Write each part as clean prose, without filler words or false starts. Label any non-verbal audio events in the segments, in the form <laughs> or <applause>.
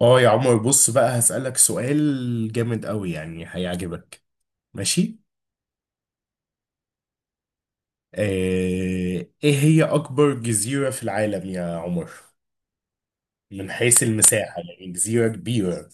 اه يا عمر، بص بقى هسألك سؤال جامد قوي يعني هيعجبك. ماشي. آه، ايه هي اكبر جزيرة في العالم يا عمر؟ من حيث المساحة، يعني جزيرة كبيرة.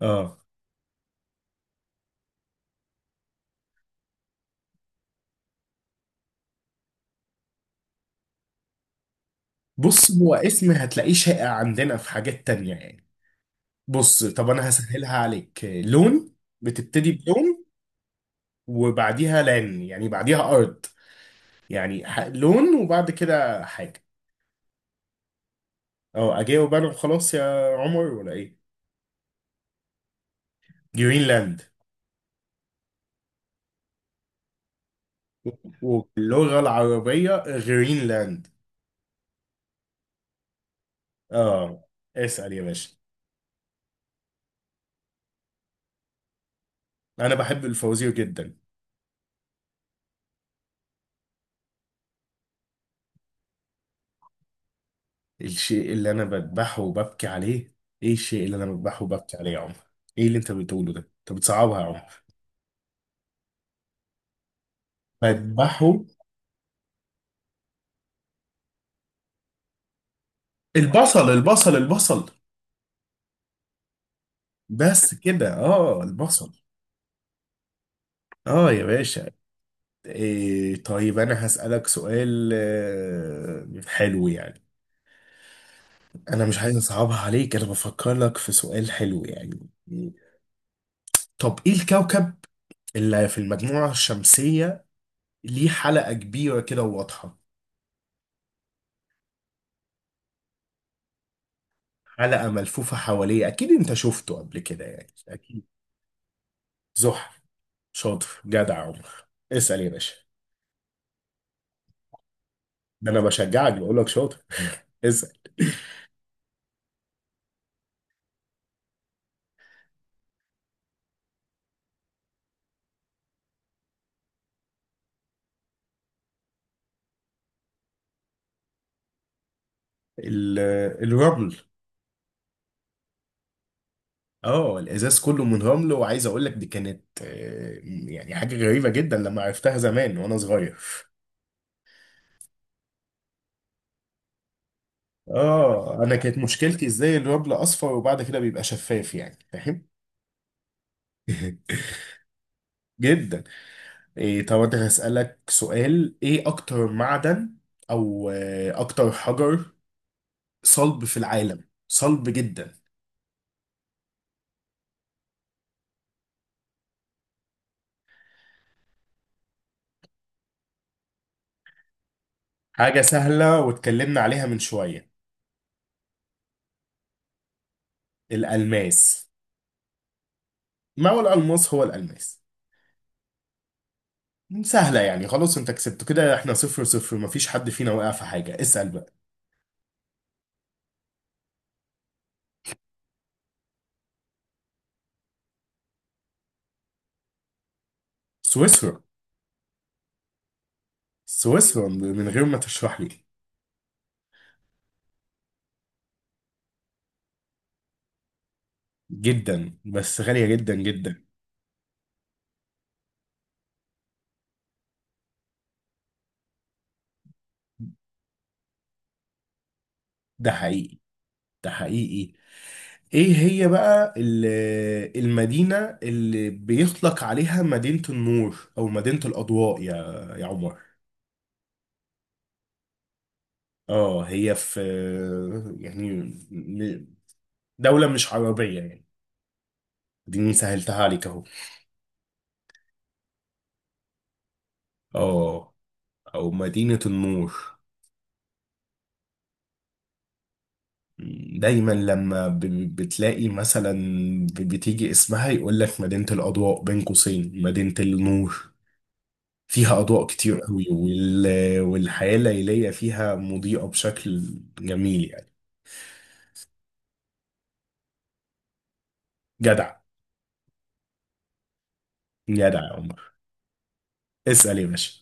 اه. بص، هو اسم هتلاقيه شائع عندنا في حاجات تانية يعني. بص، طب انا هسهلها عليك. لون. بتبتدي بلون، وبعديها لان يعني بعديها ارض. يعني لون وبعد كده حاجة. اه اجاوب انا وخلاص يا عمر ولا ايه؟ جرينلاند. واللغة العربية غرينلاند. اه. اسأل يا باشا. انا بحب الفوازير جدا. الشيء اللي انا بذبحه وببكي عليه. ايه الشيء اللي انا بذبحه وببكي عليه يا عمر؟ ايه اللي انت بتقوله ده؟ انت بتصعبها يا عمر. بذبحه. البصل البصل البصل. بس كده، اه، البصل. اه يا باشا. إيه، طيب انا هسألك سؤال حلو يعني. انا مش عايز اصعبها عليك، انا بفكر لك في سؤال حلو يعني. طب ايه الكوكب اللي في المجموعة الشمسية ليه حلقة كبيرة كده وواضحة؟ حلقة ملفوفة حواليه، أكيد أنت شفته قبل كده يعني، أكيد. زحل. شاطر، جدع عمر. اسأل يا باشا. ده أنا بشجعك بقول لك شاطر. <laughs> اسأل. ال- الرمل. اه الازاز كله من رمل، وعايز اقول لك دي كانت يعني حاجه غريبه جدا لما عرفتها زمان وانا صغير. اه انا كانت مشكلتي ازاي الرمل اصفر وبعد كده بيبقى شفاف، يعني فاهم. <laughs> جدا. إيه، طب أنا هسألك سؤال، إيه أكتر معدن أو أكتر حجر صلب في العالم، صلب جدا؟ حاجة سهلة واتكلمنا عليها من شوية. الألماس. ما هو الألماس، هو الألماس. سهلة يعني، خلاص أنت كسبت كده. إحنا صفر صفر، مفيش حد فينا وقع في حاجة. اسأل بقى. سويسرا. سويسرا من غير ما تشرح لي. جدا، بس غالية جدا جدا. ده حقيقي. ده حقيقي. ايه هي بقى المدينة اللي بيطلق عليها مدينة النور او مدينة الاضواء يا عمر؟ اه، هي في يعني، م- دولة مش عربية يعني. دي سهلتها عليك اهو. اه، او مدينة النور. دايما لما بتلاقي مثلا بتيجي اسمها يقول لك مدينة الاضواء بين قوسين مدينة النور. فيها أضواء كتير قوي، والحياة الليلية فيها مضيئة بشكل جميل يعني. جدع، جدع يا عمر. اسأل يا باشا.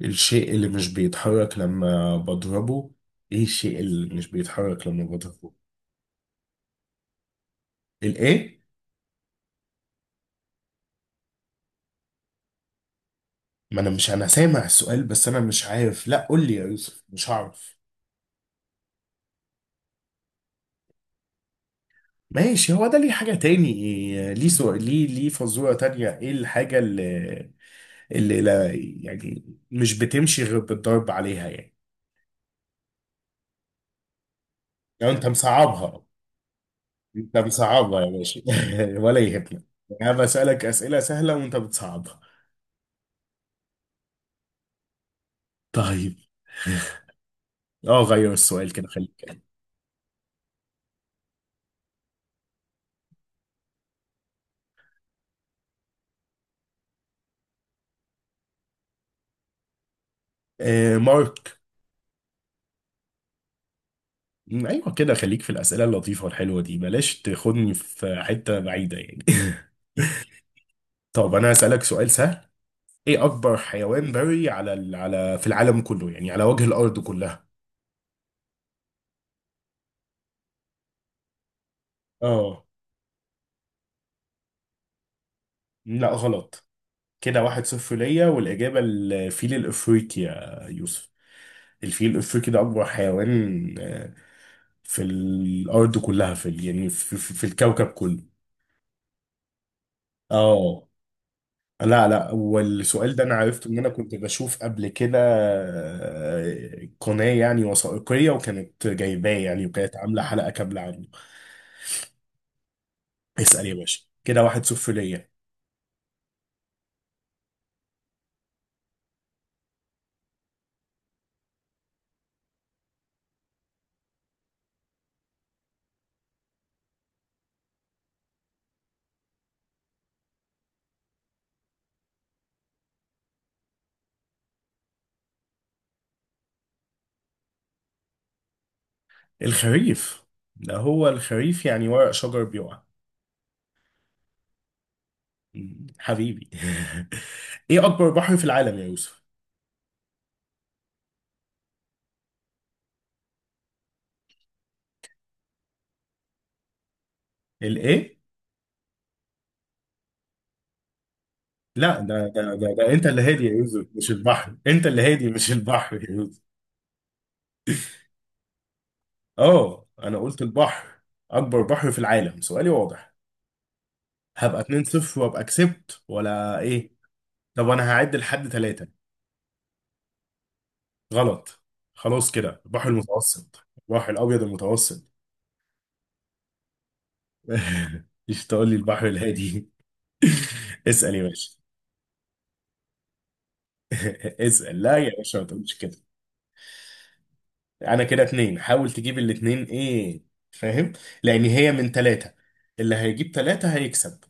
الشيء اللي مش بيتحرك لما بضربه. ايه الشيء اللي مش بيتحرك لما بضربه؟ الايه؟ ما انا مش، انا سامع السؤال، بس انا مش عارف، لا قول لي يا يوسف مش هعرف. ماشي، هو ده؟ ليه حاجة تاني؟ إيه ليه سؤال؟ ليه فزورة تانية، ايه الحاجة اللي لا يعني مش بتمشي غير بالضرب عليها يعني؟ لو انت مصعبها، انت بتصعبها يا باشا. <laughs> ولا يهمك يعني. انا بسألك أسئلة سهلة وانت بتصعبها. طيب. اه غير السؤال كده، خليك. آه مارك. ايوه كده، خليك في الأسئلة اللطيفة والحلوة دي، بلاش تاخدني في حتة بعيدة يعني. <laughs> طب انا هسألك سؤال سهل. ايه اكبر حيوان بري على على في العالم كله، يعني على وجه الارض كلها؟ اه. لا غلط. كده واحد صفر ليا، والإجابة الفيل الأفريقي يا يوسف. الفيل الأفريقي ده أكبر حيوان في الارض كلها، يعني في الكوكب كله. اه. لا لا، والسؤال ده انا عرفته ان انا كنت بشوف قبل كده قناة يعني وثائقية، وكانت جايباه يعني، وكانت عاملة حلقة كاملة عنه. اسأل يا باشا، كده واحد صفر ليا. الخريف. ده هو الخريف يعني، ورق شجر بيقع. حبيبي. <laughs> ايه اكبر بحر في العالم يا يوسف؟ الايه؟ لا، ده انت اللي هادي يا يوسف، مش البحر، انت اللي هادي مش البحر يا... اه انا قلت البحر، اكبر بحر في العالم، سؤالي واضح. هبقى 2-0 وابقى كسبت ولا ايه؟ طب انا هعد لحد ثلاثة. غلط. خلاص كده، البحر المتوسط، البحر الابيض المتوسط. <laughs> مش تقول لي البحر الهادي. <laughs> اسال يا باشا. <laughs> اسال لا يا باشا، ما تقولش كده. انا كده اتنين، حاول تجيب الاتنين ايه، فاهم؟ لان هي من ثلاثة، اللي هيجيب ثلاثة هيكسب.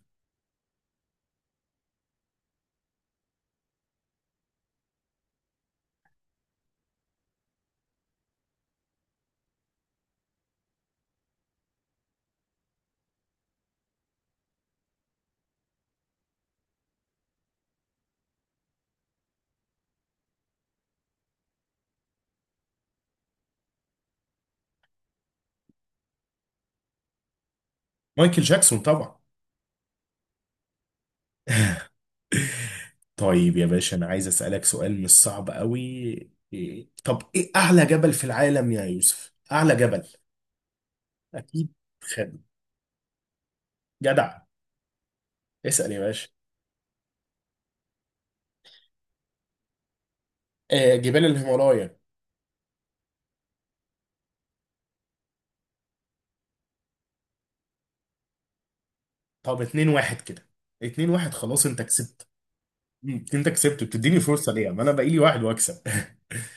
مايكل جاكسون طبعا. <laughs> طيب يا باشا، انا عايز اسالك سؤال مش صعب قوي. طب ايه اعلى جبل في العالم يا يوسف؟ اعلى جبل. اكيد. خد. جدع. اسال يا باشا. آه جبال الهيمالايا. طب اتنين واحد كده، اتنين واحد، خلاص انت كسبت. انت كسبت، بتديني فرصه ليه؟ ما انا بقى لي واحد واكسب. <laughs>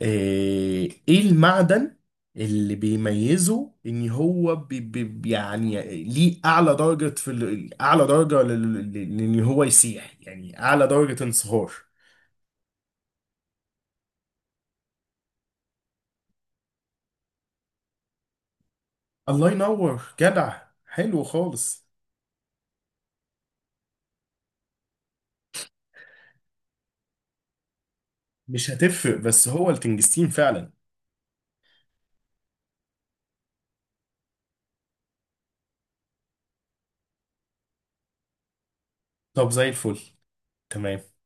ايه، إيه المعدن اللي بيميزه ان هو بي يعني ليه اعلى درجة في اعلى درجة لان هو يسيح، يعني اعلى درجة انصهار؟ الله ينور، جدع، حلو خالص. مش هتفرق بس هو التنجستين فعلا. طب زي الفل. تمام.